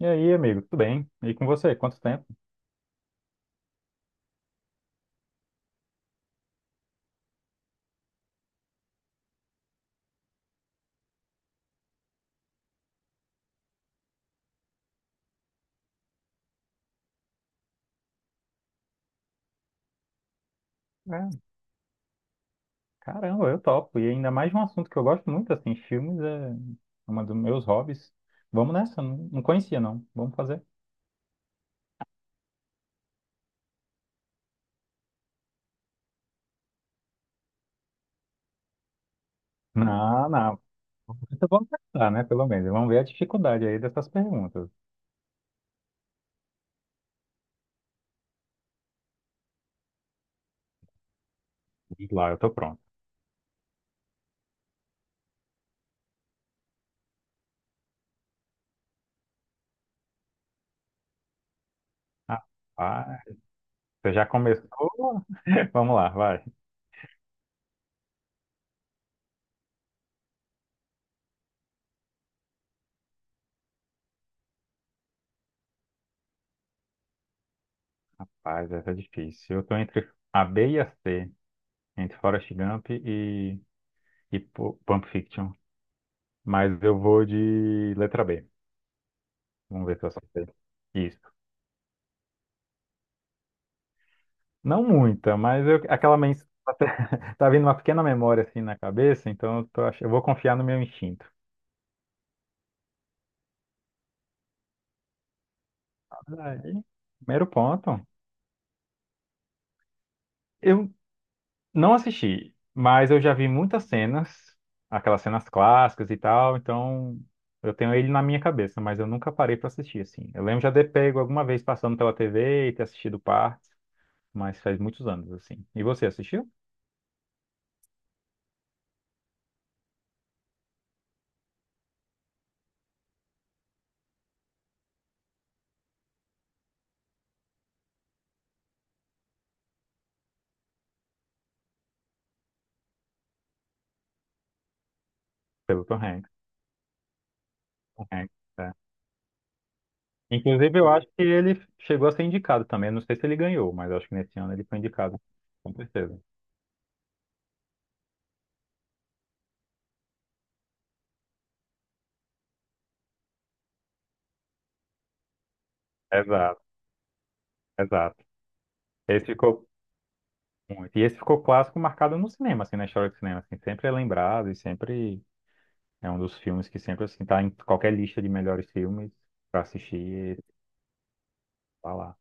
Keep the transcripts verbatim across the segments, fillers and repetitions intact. E aí, amigo, tudo bem? E com você, quanto tempo? É, caramba, eu topo. E ainda mais de um assunto que eu gosto muito, assim, filmes é uma dos meus hobbies. Vamos nessa, não, não conhecia não. Vamos fazer? Não, não. Então vamos tentar, né, pelo menos. Vamos ver a dificuldade aí dessas perguntas. Vamos lá, eu tô pronto. Ah, ah, você já começou? Vamos lá, vai. Rapaz, essa é difícil. Eu tô entre a B e a C, entre Forrest Gump e, e Pu- Pulp Fiction. Mas eu vou de letra B. Vamos ver se eu acertei. Isso. Não muita, mas eu, aquela mensagem tá vindo uma pequena memória assim na cabeça, então eu, tô ach- eu vou confiar no meu instinto. Aí, primeiro ponto. Eu não assisti, mas eu já vi muitas cenas, aquelas cenas clássicas e tal, então eu tenho ele na minha cabeça, mas eu nunca parei pra assistir assim. Eu lembro já de ter pego alguma vez passando pela T V e ter assistido partes, mas faz muitos anos assim. E você assistiu? Pelo Tom Hanks. Tom Hanks. É. Inclusive, eu acho que ele chegou a ser indicado também. Eu não sei se ele ganhou, mas eu acho que nesse ano ele foi indicado, com certeza. Exato, exato. Esse ficou muito. E esse ficou clássico marcado no cinema, assim, na história do cinema. Assim, sempre é lembrado e sempre é um dos filmes que sempre, assim, tá em qualquer lista de melhores filmes para assistir e falar.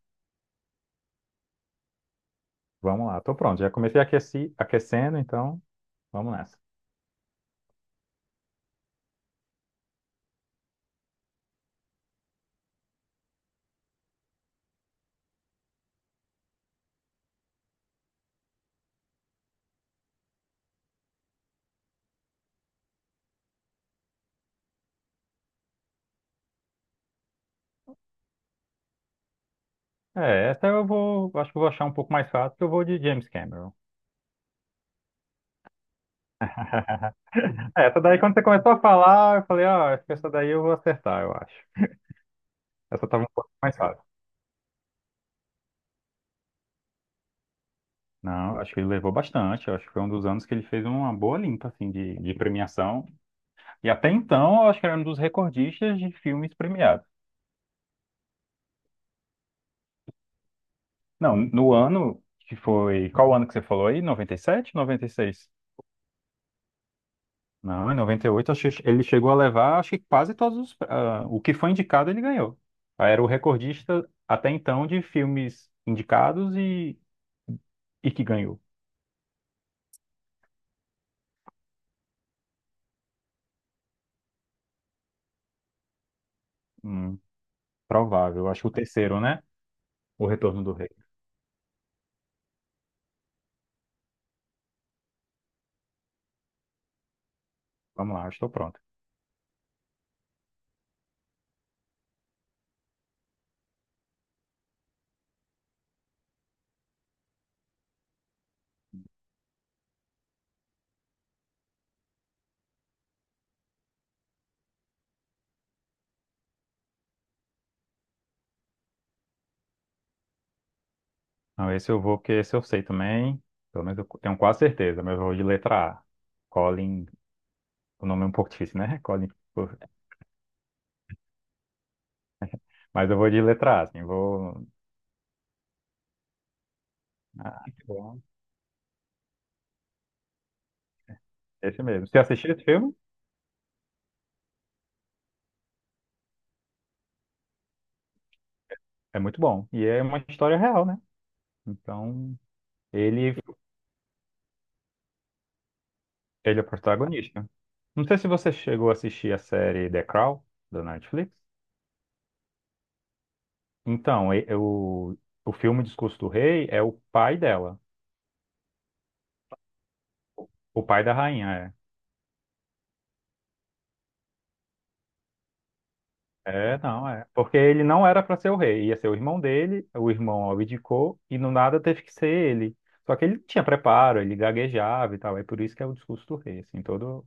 Vamos lá, tô pronto. Já comecei a aqueci- aquecendo, então vamos nessa. É, essa eu vou, acho que eu vou achar um pouco mais fácil, porque eu vou de James Cameron. É, essa daí, quando você começou a falar, eu falei, ó, acho que essa daí eu vou acertar, eu acho. Essa tava um pouco mais fácil. Não, acho que ele levou bastante. Eu acho que foi um dos anos que ele fez uma boa limpa, assim, de, de premiação. E até então, eu acho que era um dos recordistas de filmes premiados. Não, no ano que foi, qual ano que você falou aí? Noventa, noventa e sete, noventa e seis. Não, em noventa e oito acho que ele chegou a levar, acho que quase todos os, ah, o que foi indicado, ele ganhou. Era o recordista, até então, de filmes indicados e, e que ganhou. Hum, provável. Acho que o terceiro, né? O Retorno do Rei. Vamos lá, estou pronto. Não, esse eu vou, porque esse eu sei também. Pelo menos eu tenho quase certeza, mas eu vou de letra A. Colin, o nome é um pouco difícil, né? Colin. Firth. Mas eu vou de letra A, assim, vou. Ah, muito bom. Esse mesmo. Se assistir esse filme, é muito bom. E é uma história real, né? Então, ele, ele é o protagonista. Não sei se você chegou a assistir a série The Crown, da Netflix. Então, e- o, o filme Discurso do Rei é o pai dela. O pai da rainha, é. É, não, é. Porque ele não era para ser o rei, ia ser o irmão dele, o irmão abdicou e no nada teve que ser ele. Só que ele não tinha preparo, ele gaguejava e tal, é por isso que é o discurso do rei, assim, todo.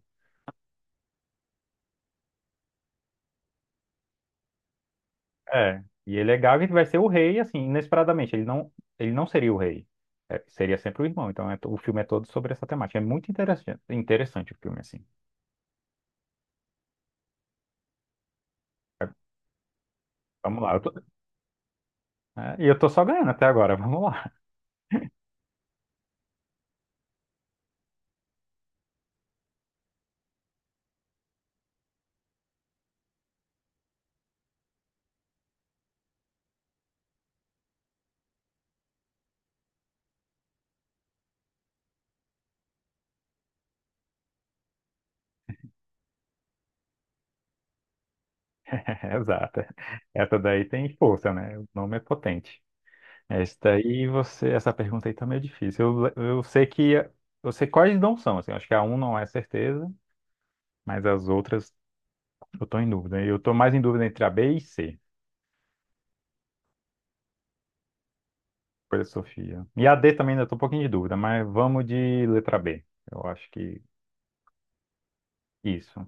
É. E ele é gago e vai ser o rei, assim, inesperadamente. Ele não, ele não seria o rei, é, seria sempre o irmão. Então é to- o filme é todo sobre essa temática. É muito interessante, interessante o filme, assim. Vamos lá, eu tô- é, e eu tô só ganhando até agora, vamos lá. Exato. Essa daí tem força, né? O nome é potente. Essa Esse daí você, essa pergunta aí tá meio difícil. Eu, eu sei que eu sei quais não são, assim, acho que a um não é certeza, mas as outras eu tô em dúvida. Eu tô mais em dúvida entre a B e C, por essa Sofia. E a D também ainda tô um pouquinho de dúvida, mas vamos de letra B. Eu acho que isso.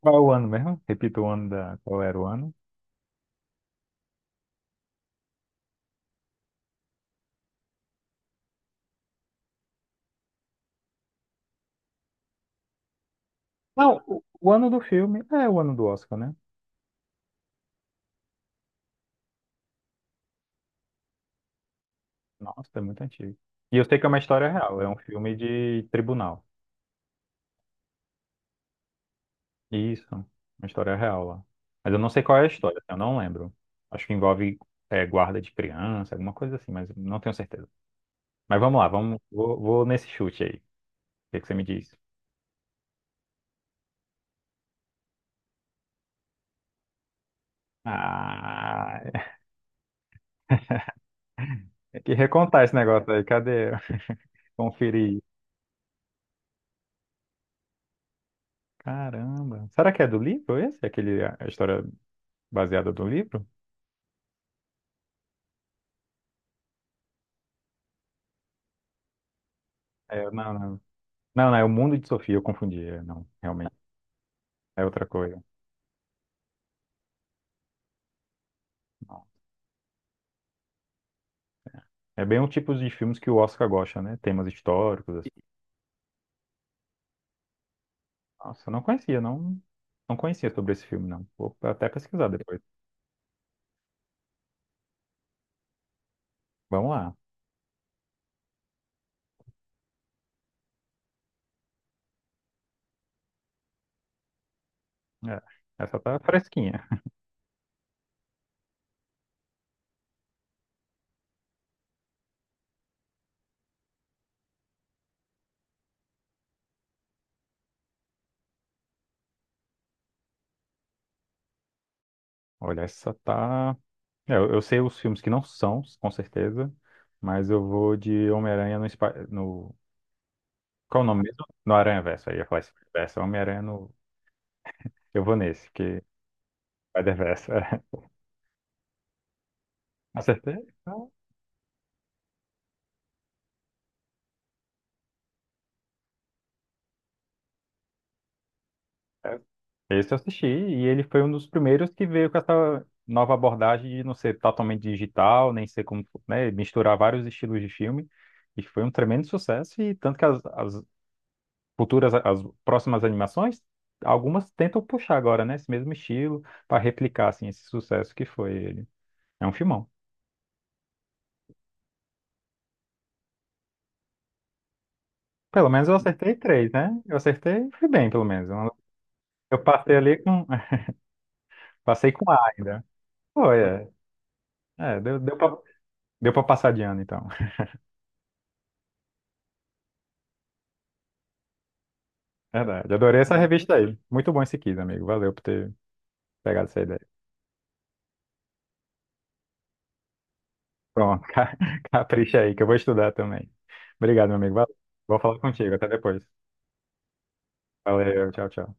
Qual é o ano mesmo? Repita o ano da. Qual era o ano? Não, o, o ano do filme é o ano do Oscar, né? Nossa, é muito antigo. E eu sei que é uma história real, é um filme de tribunal. Isso, uma história real lá. Mas eu não sei qual é a história, assim, eu não lembro. Acho que envolve é, guarda de criança, alguma coisa assim, mas não tenho certeza. Mas vamos lá, vamos, vou, vou nesse chute aí. O que que você me diz? Ah, é que recontar esse negócio aí, cadê? Conferir. Caramba. Será que é do livro esse? Aquele, a história baseada do livro? É, não, não. Não, não, é o Mundo de Sofia, eu confundi. É, não, realmente. É outra coisa. Não. É bem o tipo de filmes que o Oscar gosta, né? Temas históricos, assim. Nossa, eu não conhecia, não, não conhecia sobre esse filme, não. Vou até pesquisar depois. Vamos lá. É, essa tá fresquinha. Olha, essa tá. É, eu, eu sei os filmes que não são, com certeza, mas eu vou de Homem-Aranha no, Spi- no. Qual é o nome mesmo? No Aranha-Verso. Aí eu ia falar Spider-Verso. Homem-Aranha no. Eu vou nesse, porque Spider-Verso. Acertei? Então, é, esse eu assisti e ele foi um dos primeiros que veio com essa nova abordagem de não ser totalmente digital, nem ser como, né, misturar vários estilos de filme. E foi um tremendo sucesso e tanto que as, as futuras, as próximas animações, algumas tentam puxar agora, né, esse mesmo estilo para replicar assim esse sucesso que foi ele. É um filmão. Pelo menos eu acertei três, né? Eu acertei, fui bem, pelo menos. Eu eu passei ali com, passei com A ainda. Foi, é. É, deu, deu para deu para passar de ano, então. Verdade. Adorei essa revista aí. Muito bom esse quiz, amigo. Valeu por ter pegado essa ideia. Pronto, ca- capricha aí, que eu vou estudar também. Obrigado, meu amigo. Valeu. Vou falar contigo. Até depois. Valeu, tchau, tchau.